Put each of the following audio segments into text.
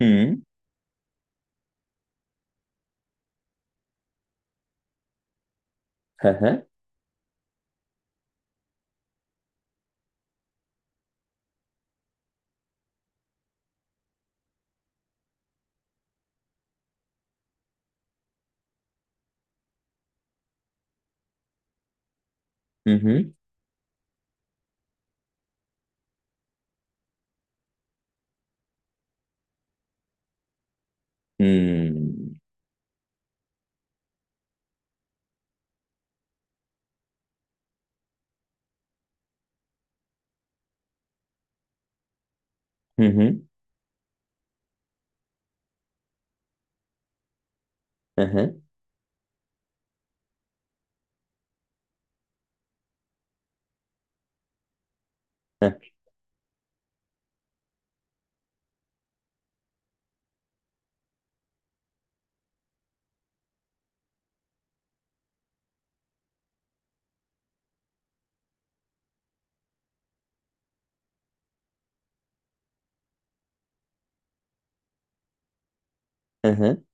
Hı. Hı hı. Hı hı. Hmm. Hı hı. Hı hı. Hı hı. Hı.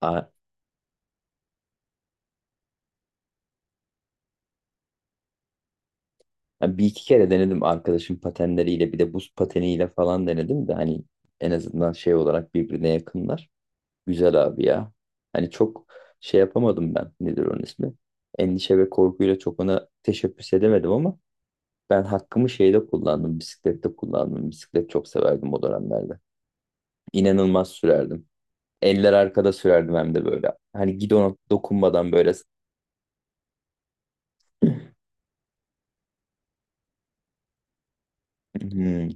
Aa, bir iki kere denedim arkadaşım patenleriyle bir de buz pateniyle falan denedim de hani en azından şey olarak birbirine yakınlar. Güzel abi ya. Hani çok şey yapamadım ben. Nedir onun ismi? Endişe ve korkuyla çok ona teşebbüs edemedim ama ben hakkımı şeyde kullandım. Bisiklette kullandım. Bisiklet çok severdim o dönemlerde. İnanılmaz sürerdim. Eller arkada sürerdim hem de böyle. Hani gidona dokunmadan böyle. Hmm.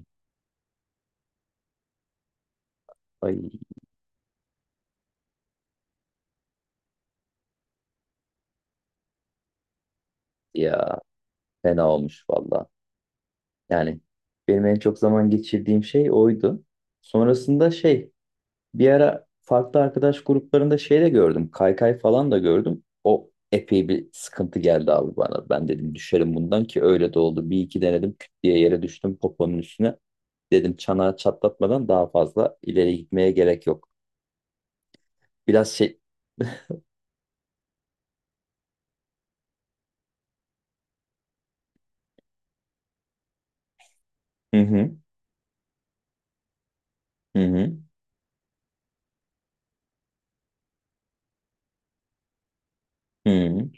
Ay ya, fena olmuş valla. Yani benim en çok zaman geçirdiğim şey oydu. Sonrasında şey, bir ara farklı arkadaş gruplarında şey de gördüm. Kaykay falan da gördüm. O epey bir sıkıntı geldi abi bana. Ben dedim düşerim bundan ki öyle de oldu. Bir iki denedim, küt diye yere düştüm poponun üstüne. Dedim çanağı çatlatmadan daha fazla ileri gitmeye gerek yok. Biraz şey... Hı hı, hı hı, hı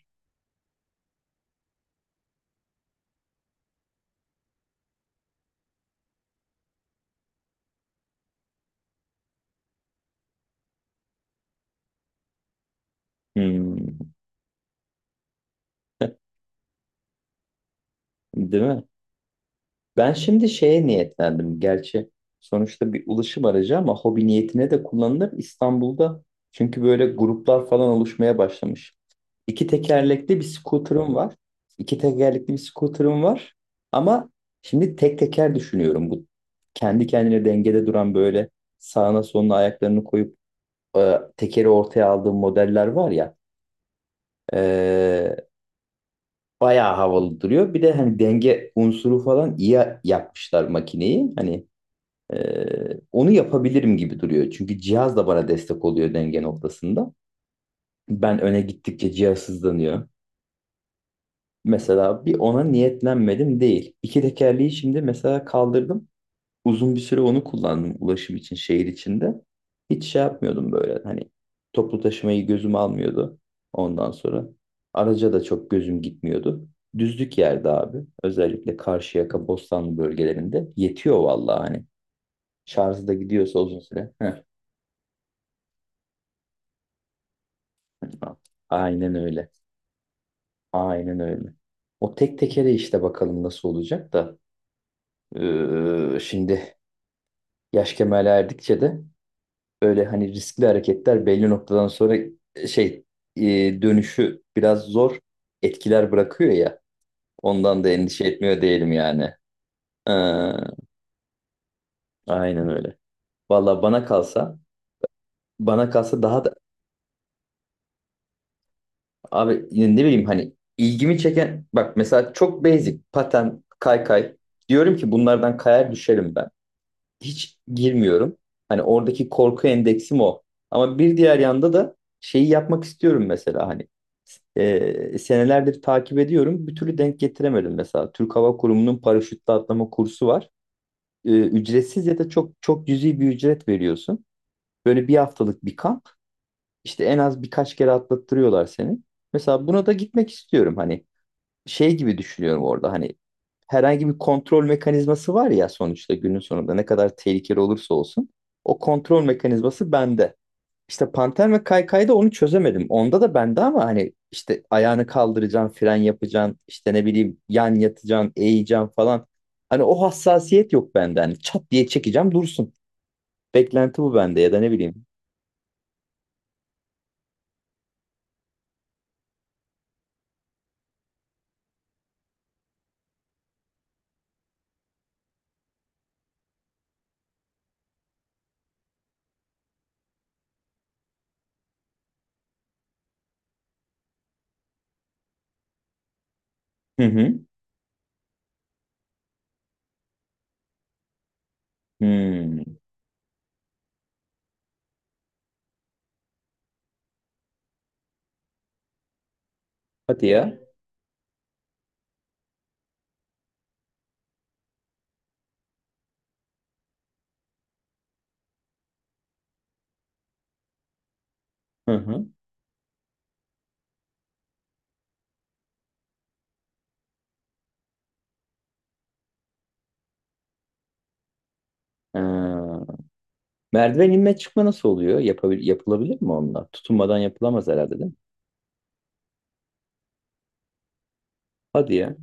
hı, hı. Değil mi? Ben şimdi şeye niyetlendim. Gerçi sonuçta bir ulaşım aracı ama hobi niyetine de kullanılır İstanbul'da. Çünkü böyle gruplar falan oluşmaya başlamış. İki tekerlekli bir scooter'ım var. İki tekerlekli bir scooter'ım var. Ama şimdi tek teker düşünüyorum. Bu kendi kendine dengede duran böyle sağına soluna ayaklarını koyup tekeri ortaya aldığım modeller var ya. E, Bayağı havalı duruyor. Bir de hani denge unsuru falan iyi yapmışlar makineyi. Hani onu yapabilirim gibi duruyor. Çünkü cihaz da bana destek oluyor denge noktasında. Ben öne gittikçe cihaz hızlanıyor. Mesela bir ona niyetlenmedim değil. İki tekerleği şimdi mesela kaldırdım. Uzun bir süre onu kullandım ulaşım için şehir içinde. Hiç şey yapmıyordum böyle hani, toplu taşımayı gözüm almıyordu ondan sonra. Araca da çok gözüm gitmiyordu. Düzlük yerde abi, özellikle Karşıyaka, Bostanlı bölgelerinde yetiyor vallahi hani. Şarjı da gidiyorsa uzun süre. Heh. Aynen öyle. Aynen öyle. O tek tekere işte bakalım nasıl olacak da. Şimdi yaş kemale erdikçe de öyle hani riskli hareketler belli noktadan sonra şey, dönüşü biraz zor etkiler bırakıyor ya. Ondan da endişe etmiyor değilim yani. Ee, aynen öyle. Valla bana kalsa, bana kalsa daha da, abi yine ne bileyim hani ilgimi çeken bak mesela çok basic paten kaykay, diyorum ki bunlardan kayar düşerim ben. Hiç girmiyorum. Hani oradaki korku endeksim o. Ama bir diğer yanda da şeyi yapmak istiyorum mesela hani, senelerdir takip ediyorum. Bir türlü denk getiremedim mesela. Türk Hava Kurumu'nun paraşütle atlama kursu var. Ücretsiz ya da çok çok cüzi bir ücret veriyorsun. Böyle bir haftalık bir kamp. İşte en az birkaç kere atlattırıyorlar seni. Mesela buna da gitmek istiyorum, hani şey gibi düşünüyorum orada hani herhangi bir kontrol mekanizması var ya, sonuçta günün sonunda ne kadar tehlikeli olursa olsun o kontrol mekanizması bende. İşte Panter ve Kaykay'da onu çözemedim. Onda da bende ama hani işte ayağını kaldıracaksın, fren yapacaksın, işte ne bileyim yan yatacaksın, eğeceksin falan. Hani o hassasiyet yok bende. Hani çat diye çekeceğim dursun. Beklenti bu bende ya da ne bileyim. Hı hı. Hmm. Hadi ya. Hı hı. Ha. Merdiven inme çıkma nasıl oluyor? Yapılabilir mi onlar? Tutunmadan yapılamaz herhalde değil mi? Hadi ya.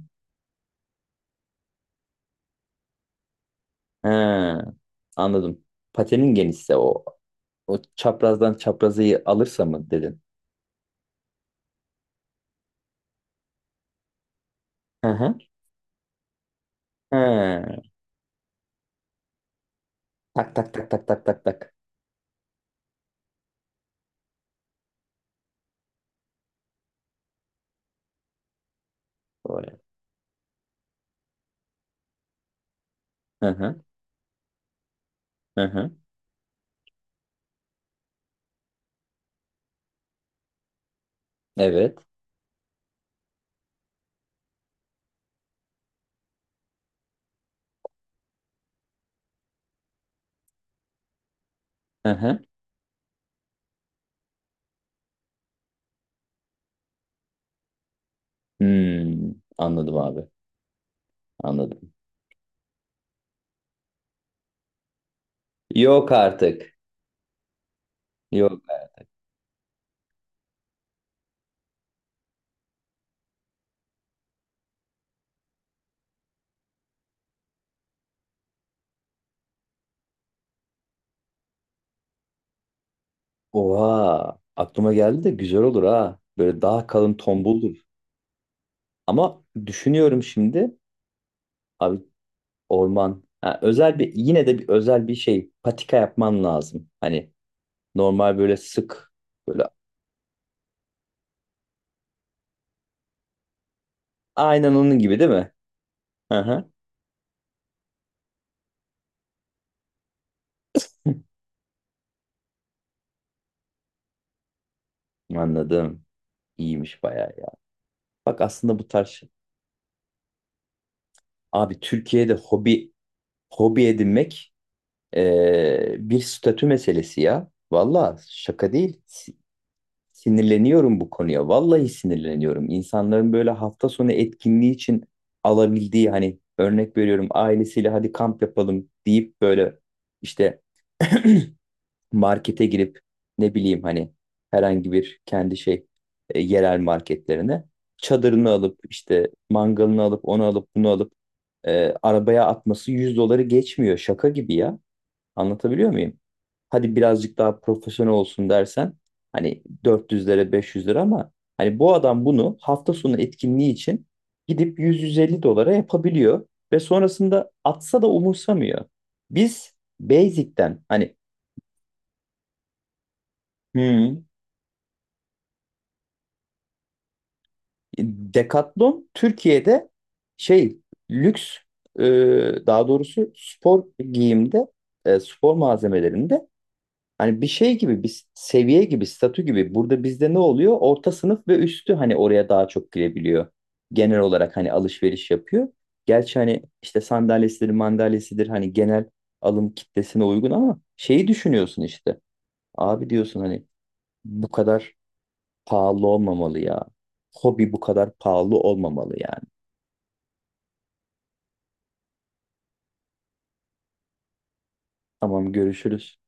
Ha, anladım. Patenin genişse o çaprazdan çaprazı alırsa mı dedin? Hı hı. Ha. Tak tak tak tak tak tak tak. Doğru. Hı hı. Hı hı. Evet. Hı hı. Hmm, anladım abi. Anladım. Yok artık. Yok. Oha. Aklıma geldi de güzel olur ha. Böyle daha kalın tombuldur. Ama düşünüyorum şimdi. Abi, orman. Ha, özel bir, yine de bir özel bir şey patika yapman lazım. Hani normal böyle sık böyle, aynen onun gibi değil mi? Hı hı. Anladım. İyiymiş bayağı ya. Bak aslında bu tarz şey, abi Türkiye'de hobi edinmek bir statü meselesi ya. Valla şaka değil. Sinirleniyorum bu konuya. Vallahi sinirleniyorum. İnsanların böyle hafta sonu etkinliği için alabildiği, hani örnek veriyorum, ailesiyle hadi kamp yapalım deyip böyle işte markete girip ne bileyim hani herhangi bir kendi şey, yerel marketlerine çadırını alıp işte mangalını alıp onu alıp bunu alıp arabaya atması 100 doları geçmiyor. Şaka gibi ya. Anlatabiliyor muyum? Hadi birazcık daha profesyonel olsun dersen hani 400 lira 500 lira, ama hani bu adam bunu hafta sonu etkinliği için gidip 100-150 dolara yapabiliyor ve sonrasında atsa da umursamıyor. Biz basic'ten hani, hmm, Decathlon Türkiye'de şey lüks, e, daha doğrusu spor giyimde, spor malzemelerinde, hani bir şey gibi, bir seviye gibi, statü gibi. Burada bizde ne oluyor? Orta sınıf ve üstü hani oraya daha çok girebiliyor. Genel olarak hani alışveriş yapıyor. Gerçi hani işte sandalyesidir, mandalyesidir, hani genel alım kitlesine uygun ama şeyi düşünüyorsun işte. Abi diyorsun hani bu kadar pahalı olmamalı ya. Hobi bu kadar pahalı olmamalı yani. Tamam, görüşürüz.